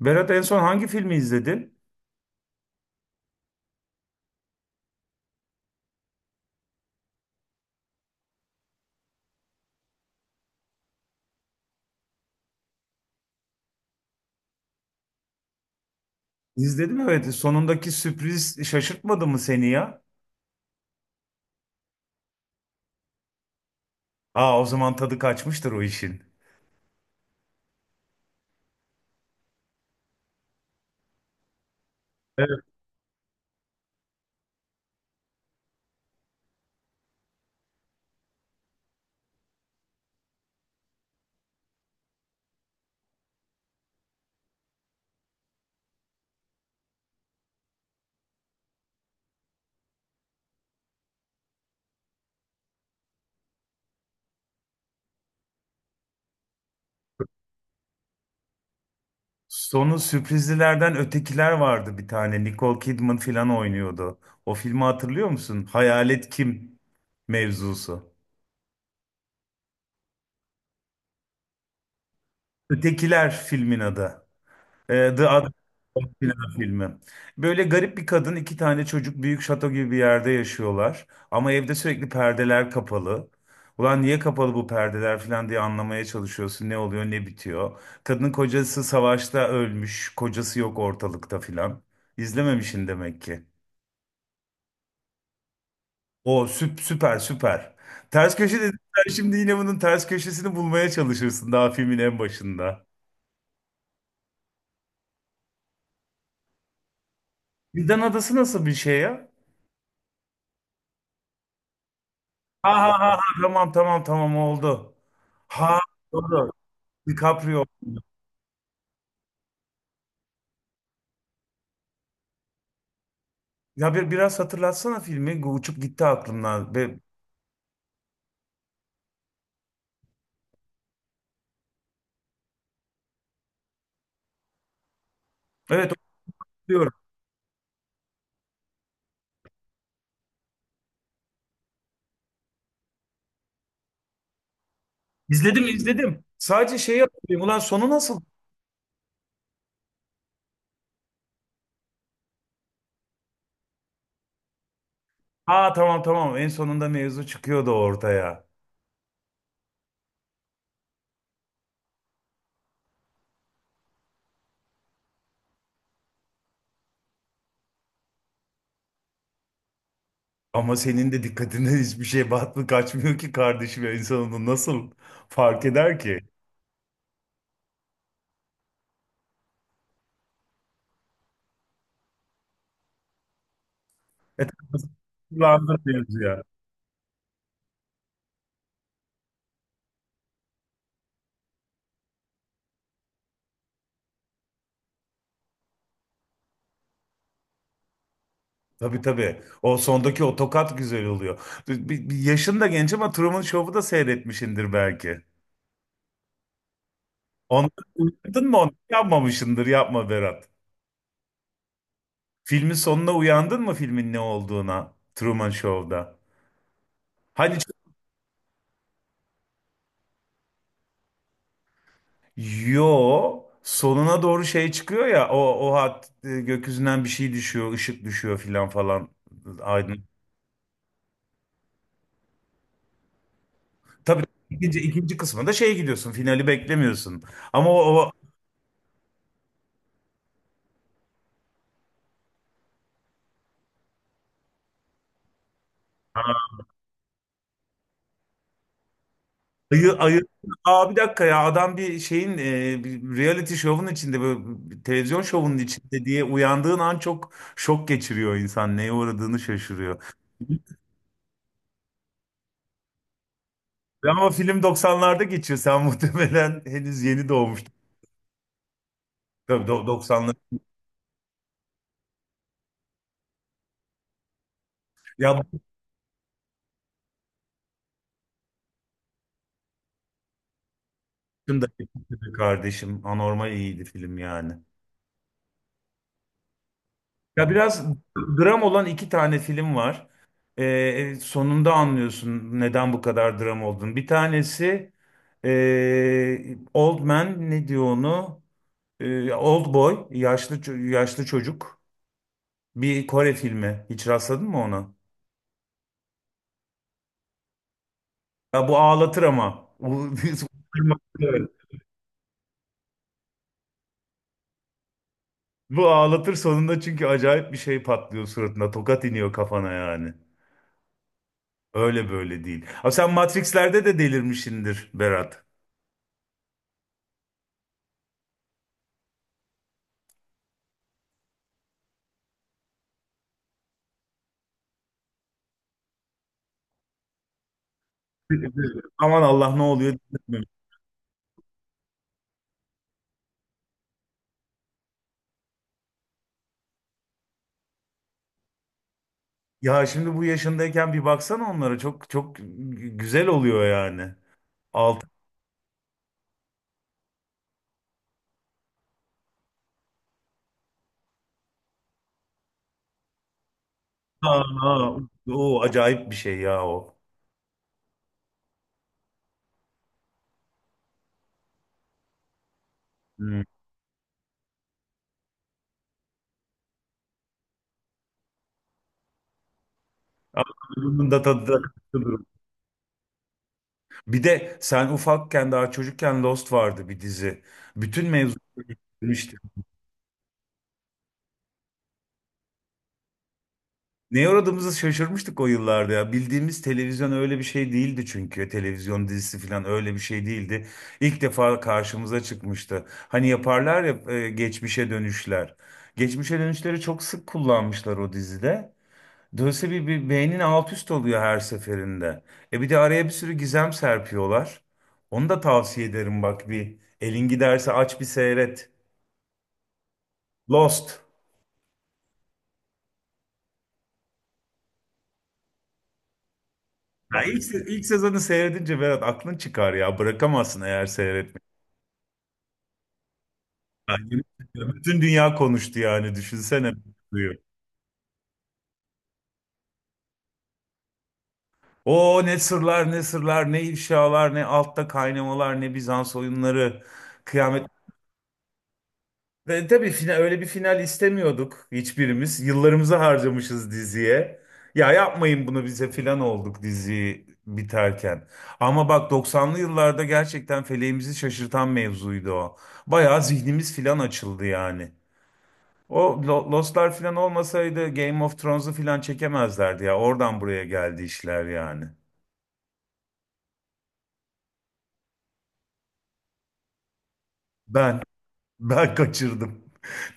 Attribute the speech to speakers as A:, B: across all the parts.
A: Berat en son hangi filmi izledin? İzledim evet. Sonundaki sürpriz şaşırtmadı mı seni ya? Aa, o zaman tadı kaçmıştır o işin. Evet. Sonu sürprizlilerden ötekiler vardı bir tane. Nicole Kidman falan oynuyordu. O filmi hatırlıyor musun? Hayalet kim mevzusu. Ötekiler filmin adı. The Other. Sinema filmi. Böyle garip bir kadın, iki tane çocuk büyük şato gibi bir yerde yaşıyorlar. Ama evde sürekli perdeler kapalı. Ulan niye kapalı bu perdeler falan diye anlamaya çalışıyorsun. Ne oluyor, ne bitiyor. Kadının kocası savaşta ölmüş. Kocası yok ortalıkta filan. İzlememişsin demek ki. O süper süper. Ters köşe dedim. Sen şimdi yine bunun ters köşesini bulmaya çalışırsın daha filmin en başında. Vildan Adası nasıl bir şey ya? Ha ha ha ha, tamam tamam tamam oldu. Ha, doğru. DiCaprio. Ya biraz hatırlatsana filmi. Uçup gitti aklımdan. Evet, hatırlıyorum. İzledim, izledim. Sadece şeyi hatırlıyorum. Ulan sonu nasıl? Aa, tamam tamam. En sonunda mevzu çıkıyordu ortaya. Ama senin de dikkatine hiçbir şey batmıyor, kaçmıyor ki kardeşim. En sonunda nasıl fark eder ki? E, Kullandın mevzu ya. Tabii tabii. O sondaki o tokat güzel oluyor. Bir yaşın da genç ama Truman Show'u da seyretmişindir belki. Onu unuttun mu onu? Yapmamışındır. Yapma Berat. Filmin sonuna uyandın mı filmin ne olduğuna Truman Show'da? Hani ç- yo, sonuna doğru şey çıkıyor ya, o gökyüzünden bir şey düşüyor, ışık düşüyor filan falan, aydın. Tabii ikinci kısmında şey gidiyorsun, finali beklemiyorsun. Ama o, o ayı ayı Aa, bir dakika ya, adam bir reality şovun içinde, böyle bir televizyon şovunun içinde diye uyandığın an çok şok geçiriyor, insan neye uğradığını şaşırıyor. Ya ama film 90'larda geçiyor. Sen muhtemelen henüz yeni doğmuştun. Tabii, 90'lar. Ya bu film de kötüydü kardeşim. Anormal iyiydi film yani. Ya biraz dram olan iki tane film var. Sonunda anlıyorsun neden bu kadar dram olduğunu. Bir tanesi Old Man ne diyor onu? Old Boy, yaşlı çocuk. Bir Kore filmi. Hiç rastladın mı ona? Ya bu ağlatır ama. Bu ağlatır sonunda, çünkü acayip bir şey patlıyor suratına. Tokat iniyor kafana yani. Öyle böyle değil. Abi sen Matrix'lerde de delirmişsindir Berat. Aman Allah, ne oluyor? Ya şimdi bu yaşındayken bir baksana onlara, çok çok güzel oluyor yani. Altın Aa, o acayip bir şey ya o. Hmm. Ama bunun da tadı da kaçırılır. Bir de sen ufakken, daha çocukken Lost vardı bir dizi. Bütün mevzu Neye uğradığımızı şaşırmıştık o yıllarda ya. Bildiğimiz televizyon öyle bir şey değildi çünkü. Televizyon dizisi falan öyle bir şey değildi. İlk defa karşımıza çıkmıştı. Hani yaparlar ya, geçmişe dönüşler. Geçmişe dönüşleri çok sık kullanmışlar o dizide. Dolayısıyla bir beynin alt üst oluyor her seferinde. E bir de araya bir sürü gizem serpiyorlar. Onu da tavsiye ederim, bak bir. Elin giderse aç, bir seyret. Lost. Ya ilk sezonu seyredince Berat, aklın çıkar ya. Bırakamazsın eğer seyretmediysen. Yani, bütün dünya konuştu yani, düşünsene. O ne sırlar, ne sırlar, ne ifşalar, ne altta kaynamalar, ne Bizans oyunları, kıyamet. Ve tabii öyle bir final istemiyorduk hiçbirimiz. Yıllarımızı harcamışız diziye. Ya yapmayın bunu bize filan olduk diziyi biterken. Ama bak 90'lı yıllarda gerçekten feleğimizi şaşırtan mevzuydu o. Bayağı zihnimiz filan açıldı yani. Lost'lar falan olmasaydı Game of Thrones'u falan çekemezlerdi ya. Oradan buraya geldi işler yani. Ben ben kaçırdım.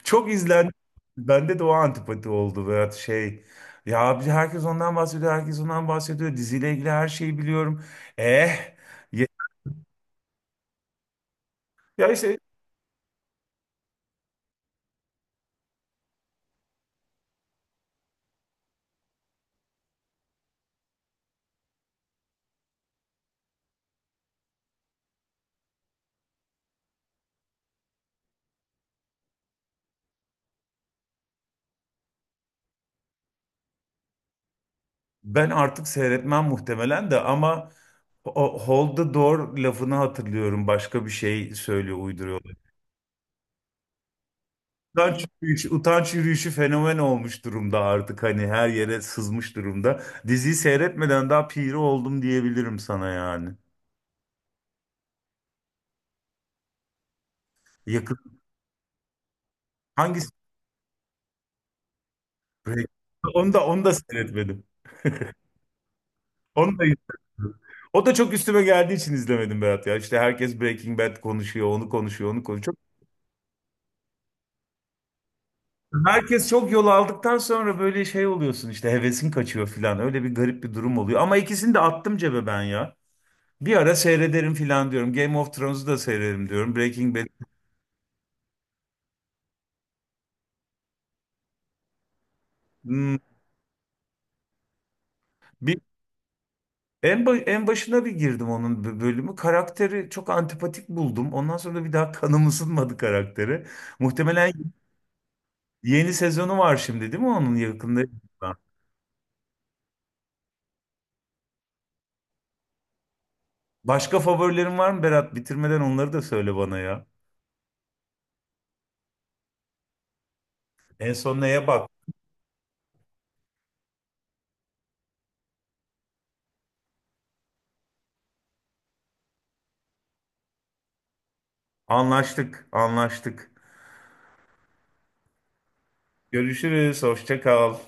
A: Çok izlendi. Bende de o antipati oldu veya şey. Ya abi herkes ondan bahsediyor, herkes ondan bahsediyor. Diziyle ilgili her şeyi biliyorum. Eh. ye- Ya işte ben artık seyretmem muhtemelen de, ama o hold the door lafını hatırlıyorum. Başka bir şey söylüyor, uyduruyor. Utanç yürüyüşü, utanç yürüyüşü fenomen olmuş durumda artık, hani her yere sızmış durumda. Diziyi seyretmeden daha piri oldum diyebilirim sana yani. Yakın hangisi? Break- Onu da, onu da seyretmedim. Onu da izlemedim. O da çok üstüme geldiği için izlemedim Berat ya. İşte herkes Breaking Bad konuşuyor, onu konuşuyor, onu konuşuyor. Herkes çok yol aldıktan sonra böyle şey oluyorsun işte, hevesin kaçıyor filan. Öyle bir garip bir durum oluyor. Ama ikisini de attım cebe ben ya. Bir ara seyrederim filan diyorum. Game of Thrones'u da seyrederim diyorum. Breaking Bad'i Hmm, bir en başına bir girdim onun bölümü. Karakteri çok antipatik buldum. Ondan sonra da bir daha kanım ısınmadı karaktere. Muhtemelen yeni sezonu var şimdi değil mi onun yakında? Başka favorilerin var mı Berat? Bitirmeden onları da söyle bana ya. En son neye bak? Anlaştık, anlaştık. Görüşürüz, hoşça kal.